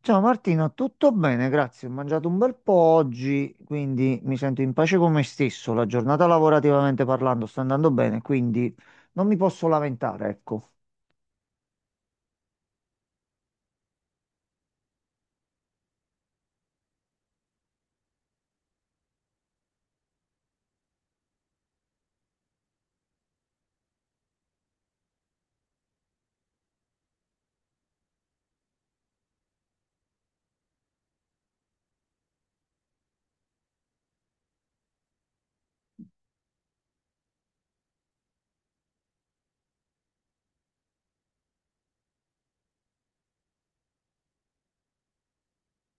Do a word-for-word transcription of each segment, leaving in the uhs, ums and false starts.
Ciao Martina, tutto bene? Grazie. Ho mangiato un bel po' oggi, quindi mi sento in pace con me stesso. La giornata lavorativamente parlando sta andando bene, quindi non mi posso lamentare, ecco.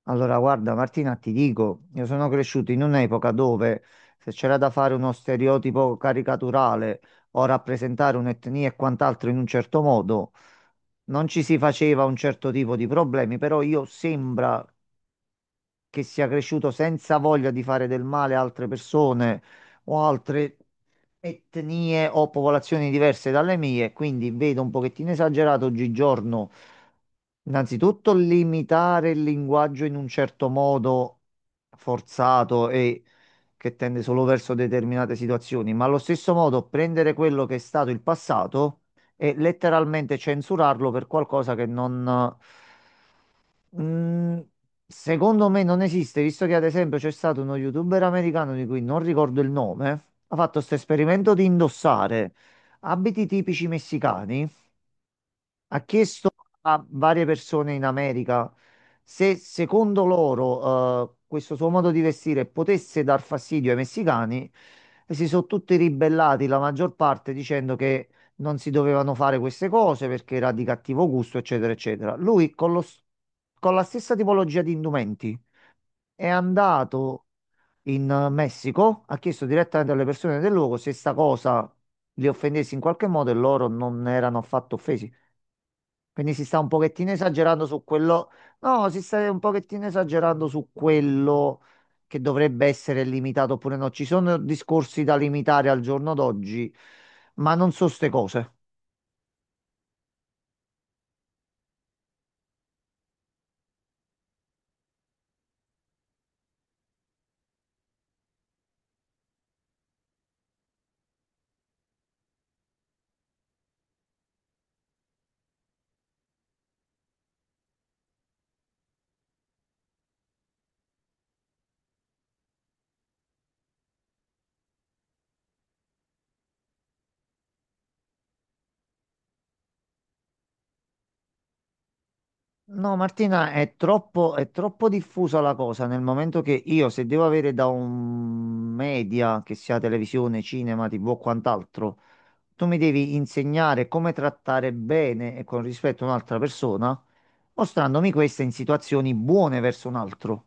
Allora, guarda, Martina, ti dico, io sono cresciuto in un'epoca dove se c'era da fare uno stereotipo caricaturale o rappresentare un'etnia e quant'altro in un certo modo, non ci si faceva un certo tipo di problemi, però io sembra che sia cresciuto senza voglia di fare del male a altre persone o altre etnie o popolazioni diverse dalle mie, quindi vedo un pochettino esagerato oggigiorno. Innanzitutto limitare il linguaggio in un certo modo forzato e che tende solo verso determinate situazioni, ma allo stesso modo prendere quello che è stato il passato e letteralmente censurarlo per qualcosa che non, Mm, secondo me non esiste, visto che ad esempio c'è stato uno youtuber americano di cui non ricordo il nome, ha fatto questo esperimento di indossare abiti tipici messicani. Ha chiesto a varie persone in America se secondo loro eh, questo suo modo di vestire potesse dar fastidio ai messicani e si sono tutti ribellati, la maggior parte dicendo che non si dovevano fare queste cose perché era di cattivo gusto, eccetera, eccetera. Lui con lo s- con la stessa tipologia di indumenti è andato in eh, Messico, ha chiesto direttamente alle persone del luogo se sta cosa li offendesse in qualche modo e loro non erano affatto offesi. Quindi si sta un pochettino esagerando su quello. No, si sta un pochettino esagerando su quello che dovrebbe essere limitato oppure no. Ci sono discorsi da limitare al giorno d'oggi, ma non so ste cose. No, Martina, è troppo, è troppo diffusa la cosa nel momento che io, se devo avere da un media, che sia televisione, cinema, T V o quant'altro, tu mi devi insegnare come trattare bene e con rispetto un'altra persona, mostrandomi questa in situazioni buone verso un altro.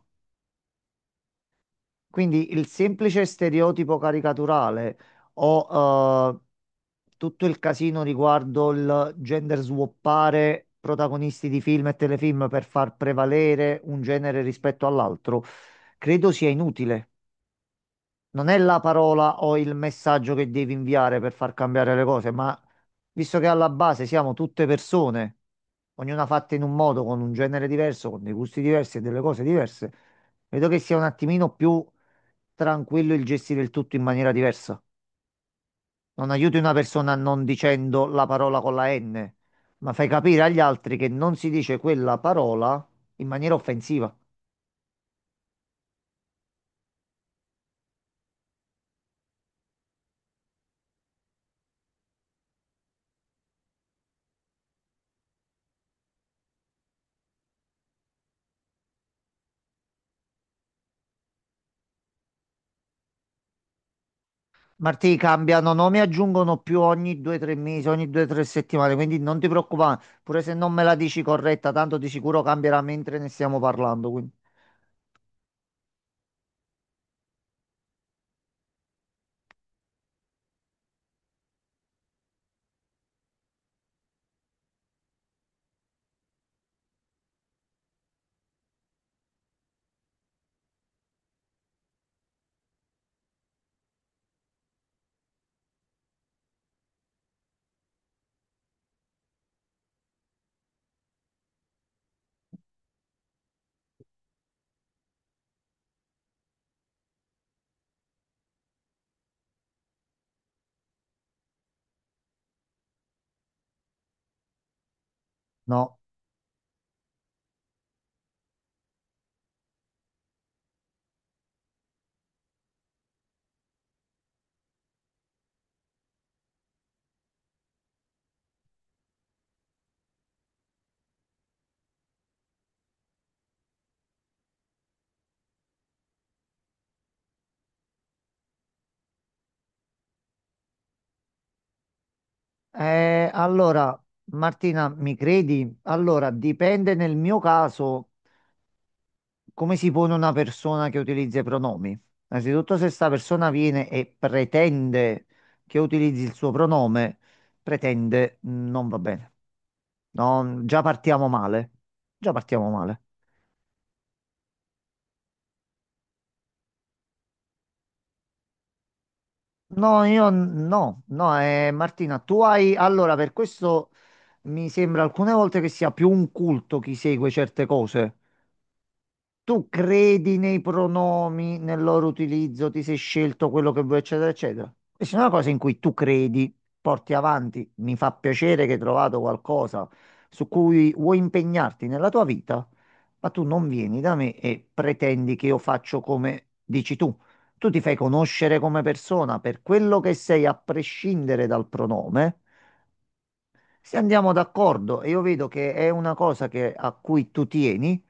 Quindi il semplice stereotipo caricaturale o eh, tutto il casino riguardo il gender swappare protagonisti di film e telefilm per far prevalere un genere rispetto all'altro, credo sia inutile. Non è la parola o il messaggio che devi inviare per far cambiare le cose, ma visto che alla base siamo tutte persone, ognuna fatta in un modo, con un genere diverso, con dei gusti diversi e delle cose diverse, vedo che sia un attimino più tranquillo il gestire il tutto in maniera diversa. Non aiuti una persona non dicendo la parola con la N, ma fai capire agli altri che non si dice quella parola in maniera offensiva. Martì, cambiano nome e aggiungono più ogni due tre mesi, ogni due tre settimane, quindi non ti preoccupare, pure se non me la dici corretta, tanto di sicuro cambierà mentre ne stiamo parlando, quindi no. Eh, allora, Martina, mi credi? Allora, dipende nel mio caso come si pone una persona che utilizza i pronomi. Innanzitutto, se sta persona viene e pretende che utilizzi il suo pronome, pretende, mh, non va bene. No, già partiamo male. Già partiamo male. No, io n- no, no, eh, Martina, tu hai... Allora, per questo mi sembra alcune volte che sia più un culto chi segue certe cose, tu credi nei pronomi, nel loro utilizzo, ti sei scelto quello che vuoi, eccetera, eccetera. E se è una cosa in cui tu credi, porti avanti, mi fa piacere che hai trovato qualcosa su cui vuoi impegnarti nella tua vita, ma tu non vieni da me e pretendi che io faccio come dici tu. Tu ti fai conoscere come persona per quello che sei, a prescindere dal pronome. Se andiamo d'accordo e io vedo che è una cosa che- a cui tu tieni,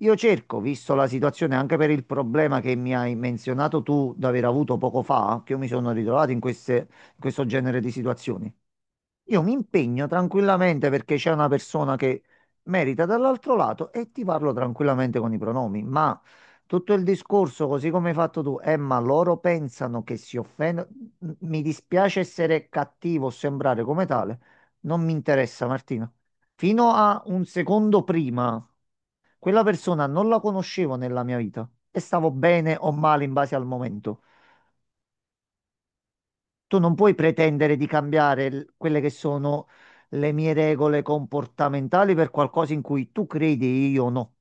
io cerco, visto la situazione, anche per il problema che mi hai menzionato tu d'aver avuto poco fa, che io mi sono ritrovato in queste- in questo genere di situazioni. Io mi impegno tranquillamente perché c'è una persona che merita dall'altro lato e ti parlo tranquillamente con i pronomi, ma tutto il discorso, così come hai fatto tu, eh, ma loro pensano che si offendono. Mi dispiace essere cattivo o sembrare come tale, non mi interessa, Martina. Fino a un secondo prima. Quella persona non la conoscevo nella mia vita e stavo bene o male in base al momento. Tu non puoi pretendere di cambiare l- quelle che sono le mie regole comportamentali per qualcosa in cui tu credi e io no.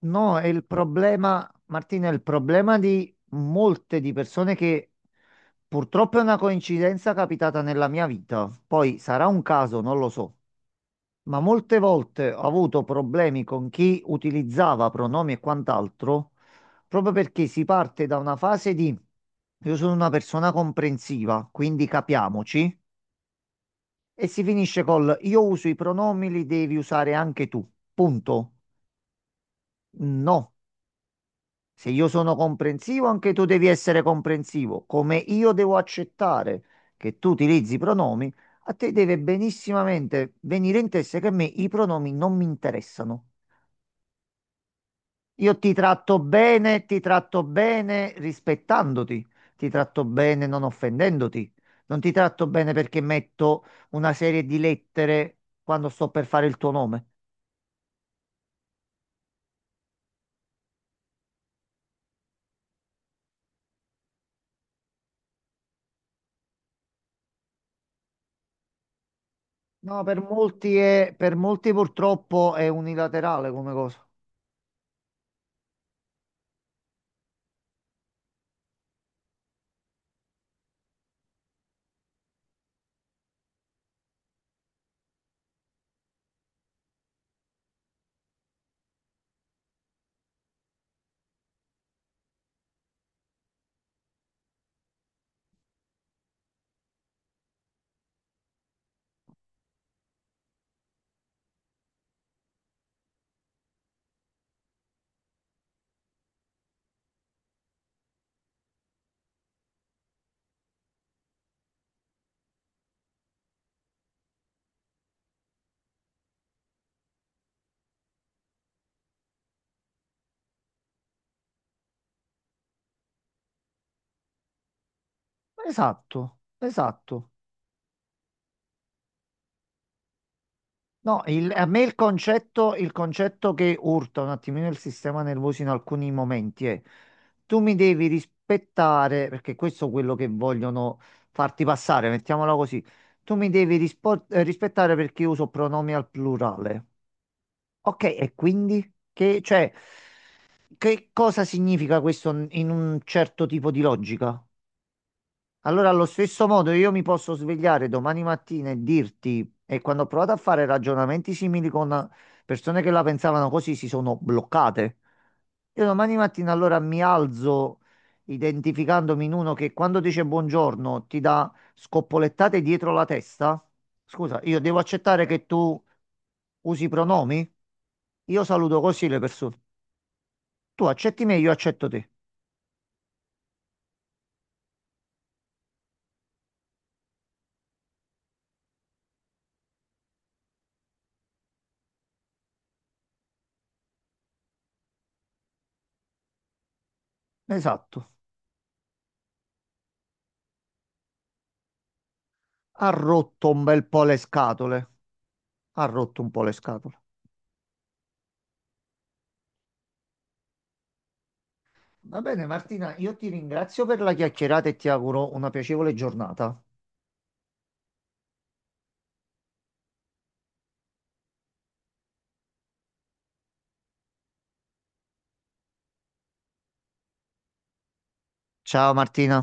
No, è il problema, Martina, è il problema di molte di persone che purtroppo è una coincidenza capitata nella mia vita. Poi sarà un caso, non lo so. Ma molte volte ho avuto problemi con chi utilizzava pronomi e quant'altro, proprio perché si parte da una fase di io sono una persona comprensiva, quindi capiamoci, e si finisce col io uso i pronomi, li devi usare anche tu. Punto. No. Se io sono comprensivo, anche tu devi essere comprensivo. Come io devo accettare che tu utilizzi i pronomi, a te deve benissimamente venire in testa che a me i pronomi non mi interessano. Io ti tratto bene, ti tratto bene rispettandoti, ti tratto bene non offendendoti, non ti tratto bene perché metto una serie di lettere quando sto per fare il tuo nome. No, per molti è, per molti purtroppo è unilaterale come cosa. Esatto, esatto. No, il- a me il concetto, il concetto che urta un attimino il sistema nervoso in alcuni momenti è tu mi devi rispettare, perché questo è quello che vogliono farti passare, mettiamola così, tu mi devi rispo- eh, rispettare perché io uso pronomi al plurale. Ok, e quindi che, cioè, che cosa significa questo in un certo tipo di logica? Allora, allo stesso modo, io mi posso svegliare domani mattina e dirti, e quando ho provato a fare ragionamenti simili con persone che la pensavano così, si sono bloccate. Io domani mattina allora mi alzo identificandomi in uno che quando dice buongiorno ti dà scoppolettate dietro la testa. Scusa, io devo accettare che tu usi i pronomi? Io saluto così le persone. Tu accetti me, io accetto te. Esatto. Ha rotto un bel po' le scatole. Ha rotto un po' le scatole. Va bene, Martina, io ti ringrazio per la chiacchierata e ti auguro una piacevole giornata. Ciao Martina.